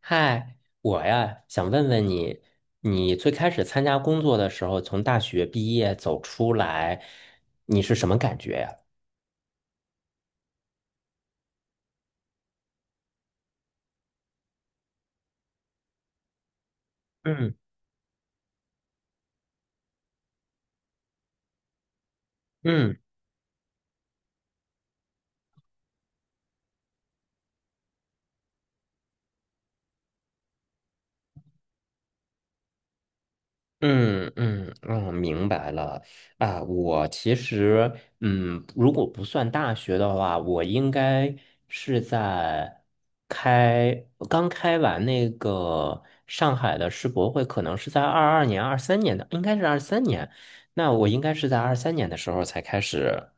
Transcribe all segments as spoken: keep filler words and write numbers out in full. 嗨，我呀，想问问你，你最开始参加工作的时候，从大学毕业走出来，你是什么感觉呀？嗯嗯嗯嗯嗯，明白了啊。我其实，嗯，如果不算大学的话，我应该是在开刚开完那个上海的世博会，可能是在二二年、二三年的，应该是二三年。那我应该是在二三年的时候才开始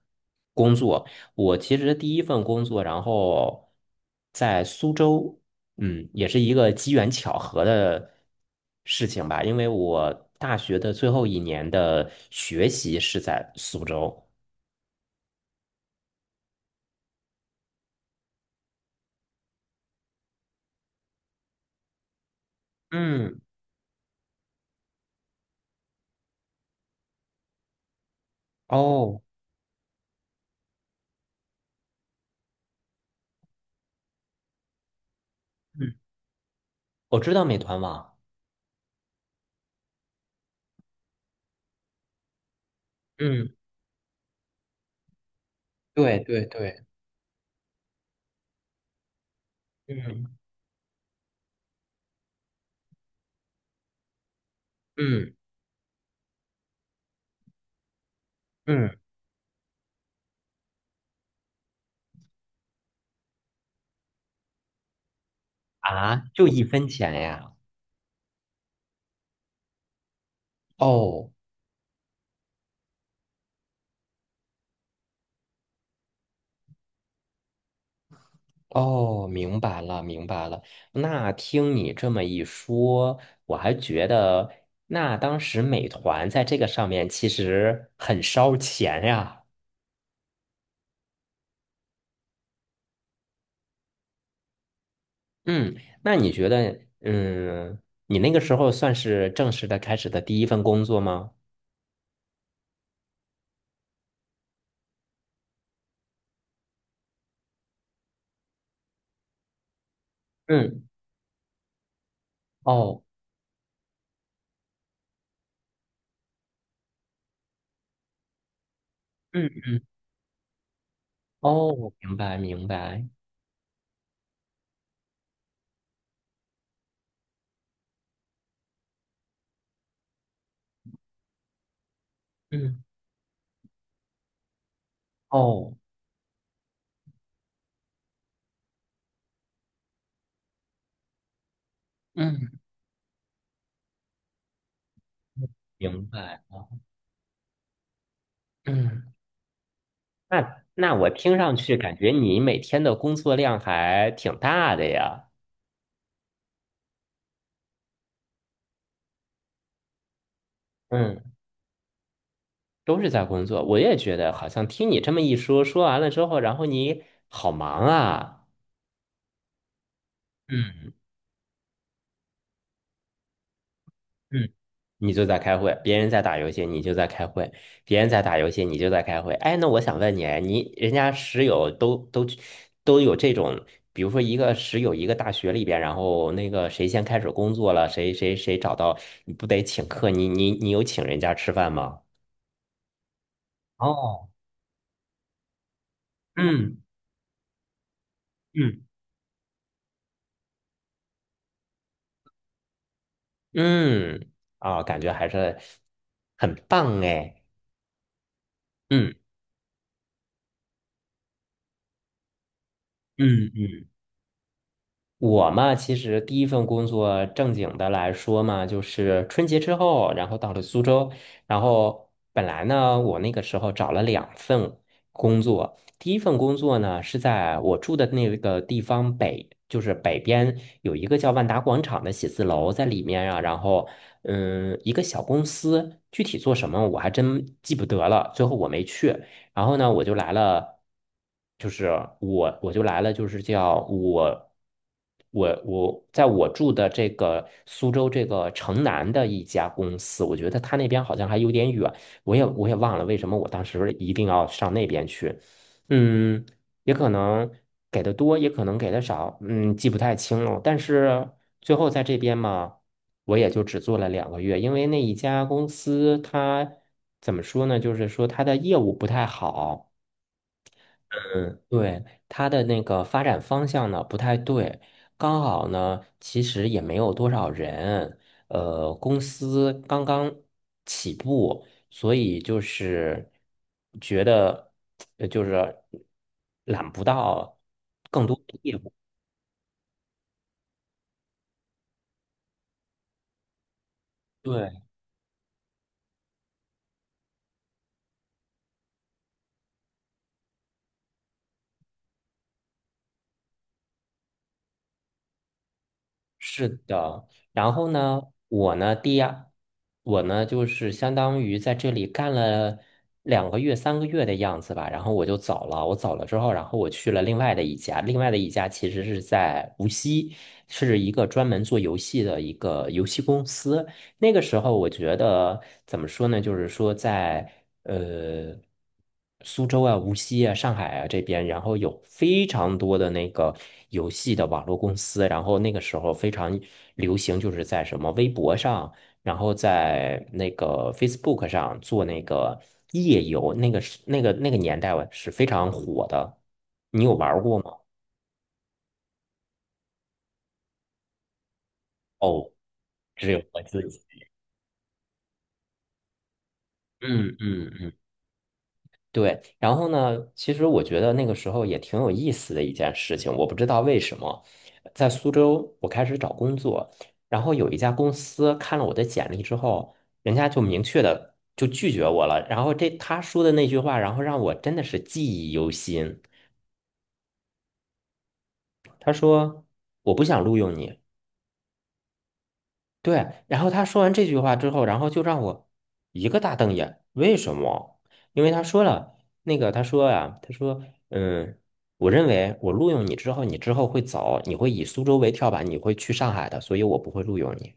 工作。我其实第一份工作，然后在苏州。嗯，也是一个机缘巧合的事情吧，因为我大学的最后一年的学习是在苏州。嗯。哦。嗯，我知道美团网。嗯，对对对。嗯嗯嗯。啊，就一分钱呀。哦哦，明白了明白了。那听你这么一说，我还觉得那当时美团在这个上面其实很烧钱呀。嗯，那你觉得，嗯，你那个时候算是正式的开始的第一份工作吗？嗯，哦，嗯嗯，哦，明白明白，嗯，哦，嗯，明白了，嗯，那那我听上去感觉你每天的工作量还挺大的呀。嗯，都是在工作，我也觉得好像听你这么一说，说完了之后，然后你好忙啊。嗯嗯，你就在开会，别人在打游戏，你就在开会；别人在打游戏，你就在开会。哎，那我想问你，哎你人家室友都都都有这种，比如说一个室友一个大学里边，然后那个谁先开始工作了，谁谁谁找到，你不得请客？你你你有请人家吃饭吗？哦，嗯嗯嗯，啊，感觉还是很棒哎。嗯嗯嗯。我嘛，其实第一份工作正经的来说嘛，就是春节之后，然后到了苏州，然后本来呢，我那个时候找了两份工作，第一份工作呢是在我住的那个地方北，就是北边有一个叫万达广场的写字楼，在里面啊。然后嗯，一个小公司，具体做什么我还真记不得了，最后我没去。然后呢，我就来了，就是我我就来了，就是叫我我我在我住的这个苏州这个城南的一家公司，我觉得他那边好像还有点远，我也我也忘了为什么我当时一定要上那边去。嗯，也可能给的多，也可能给的少，嗯，记不太清了，但是最后在这边嘛。我也就只做了两个月，因为那一家公司它怎么说呢，就是说它的业务不太好。嗯，对，它的那个发展方向呢不太对，刚好呢其实也没有多少人，呃，公司刚刚起步，所以就是觉得呃就是揽不到更多的业务。对是的，然后呢，我呢，第二，我呢就是相当于在这里干了两个月、三个月的样子吧，然后我就走了。我走了之后，然后我去了另外的一家，另外的一家其实是在无锡，是一个专门做游戏的一个游戏公司。那个时候我觉得怎么说呢？就是说在呃苏州啊、无锡啊、上海啊这边，然后有非常多的那个游戏的网络公司，然后那个时候非常流行，就是在什么微博上，然后在那个 Facebook 上做那个夜游，那个是那个那个年代啊是非常火的。你有玩儿过吗？哦，只有我自己。嗯嗯嗯。对，然后呢，其实我觉得那个时候也挺有意思的一件事情，我不知道为什么，在苏州我开始找工作，然后有一家公司看了我的简历之后，人家就明确的就拒绝我了，然后这他说的那句话，然后让我真的是记忆犹新，他说我不想录用你。对，然后他说完这句话之后，然后就让我一个大瞪眼。为什么？因为他说了那个，他说呀、他说，嗯，我认为我录用你之后，你之后会走，你会以苏州为跳板，你会去上海的，所以我不会录用你。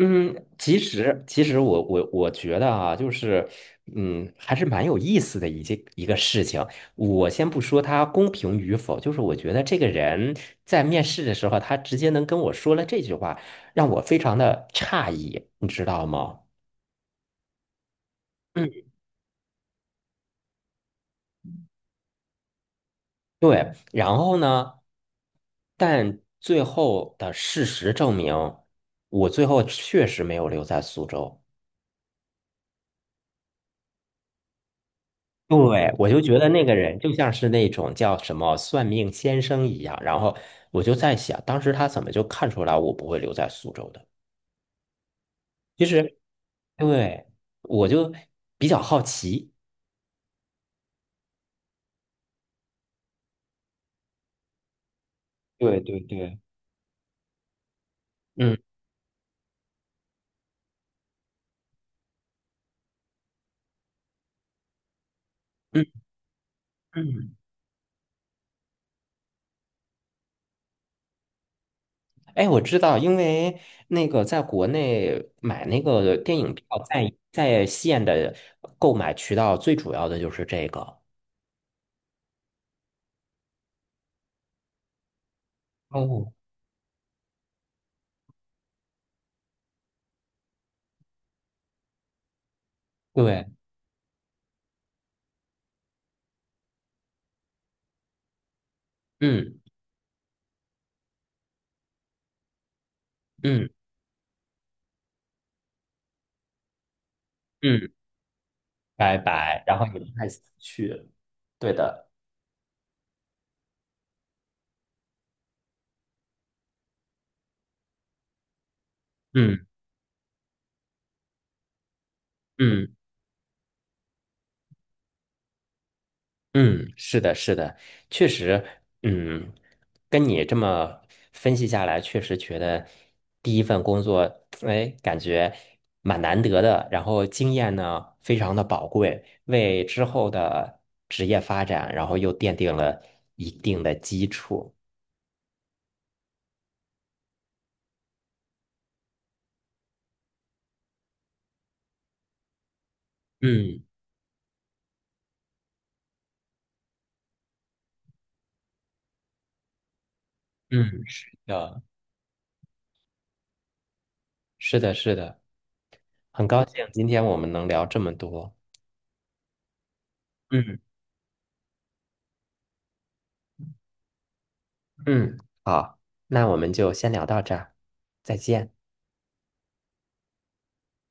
嗯，其实其实我我我觉得啊，就是嗯，还是蛮有意思的一件一个事情。我先不说他公平与否，就是我觉得这个人在面试的时候，他直接能跟我说了这句话，让我非常的诧异，你知道吗？嗯，对。然后呢，但最后的事实证明，我最后确实没有留在苏州。对，我就觉得那个人就像是那种叫什么算命先生一样，然后我就在想，当时他怎么就看出来我不会留在苏州的？其实，对，我就比较好奇。对对对，嗯嗯嗯，哎，我知道，因为那个在国内买那个电影票在在线的购买渠道，最主要的就是这个。哦，对，嗯嗯嗯，拜拜，然后你们太想去对的。嗯嗯嗯，是的，是的，确实，嗯，跟你这么分析下来，确实觉得第一份工作，哎，感觉蛮难得的，然后经验呢非常的宝贵，为之后的职业发展，然后又奠定了一定的基础。嗯嗯，是的，是的，是的，很高兴今天我们能聊这么多。嗯嗯，好，那我们就先聊到这儿，再见。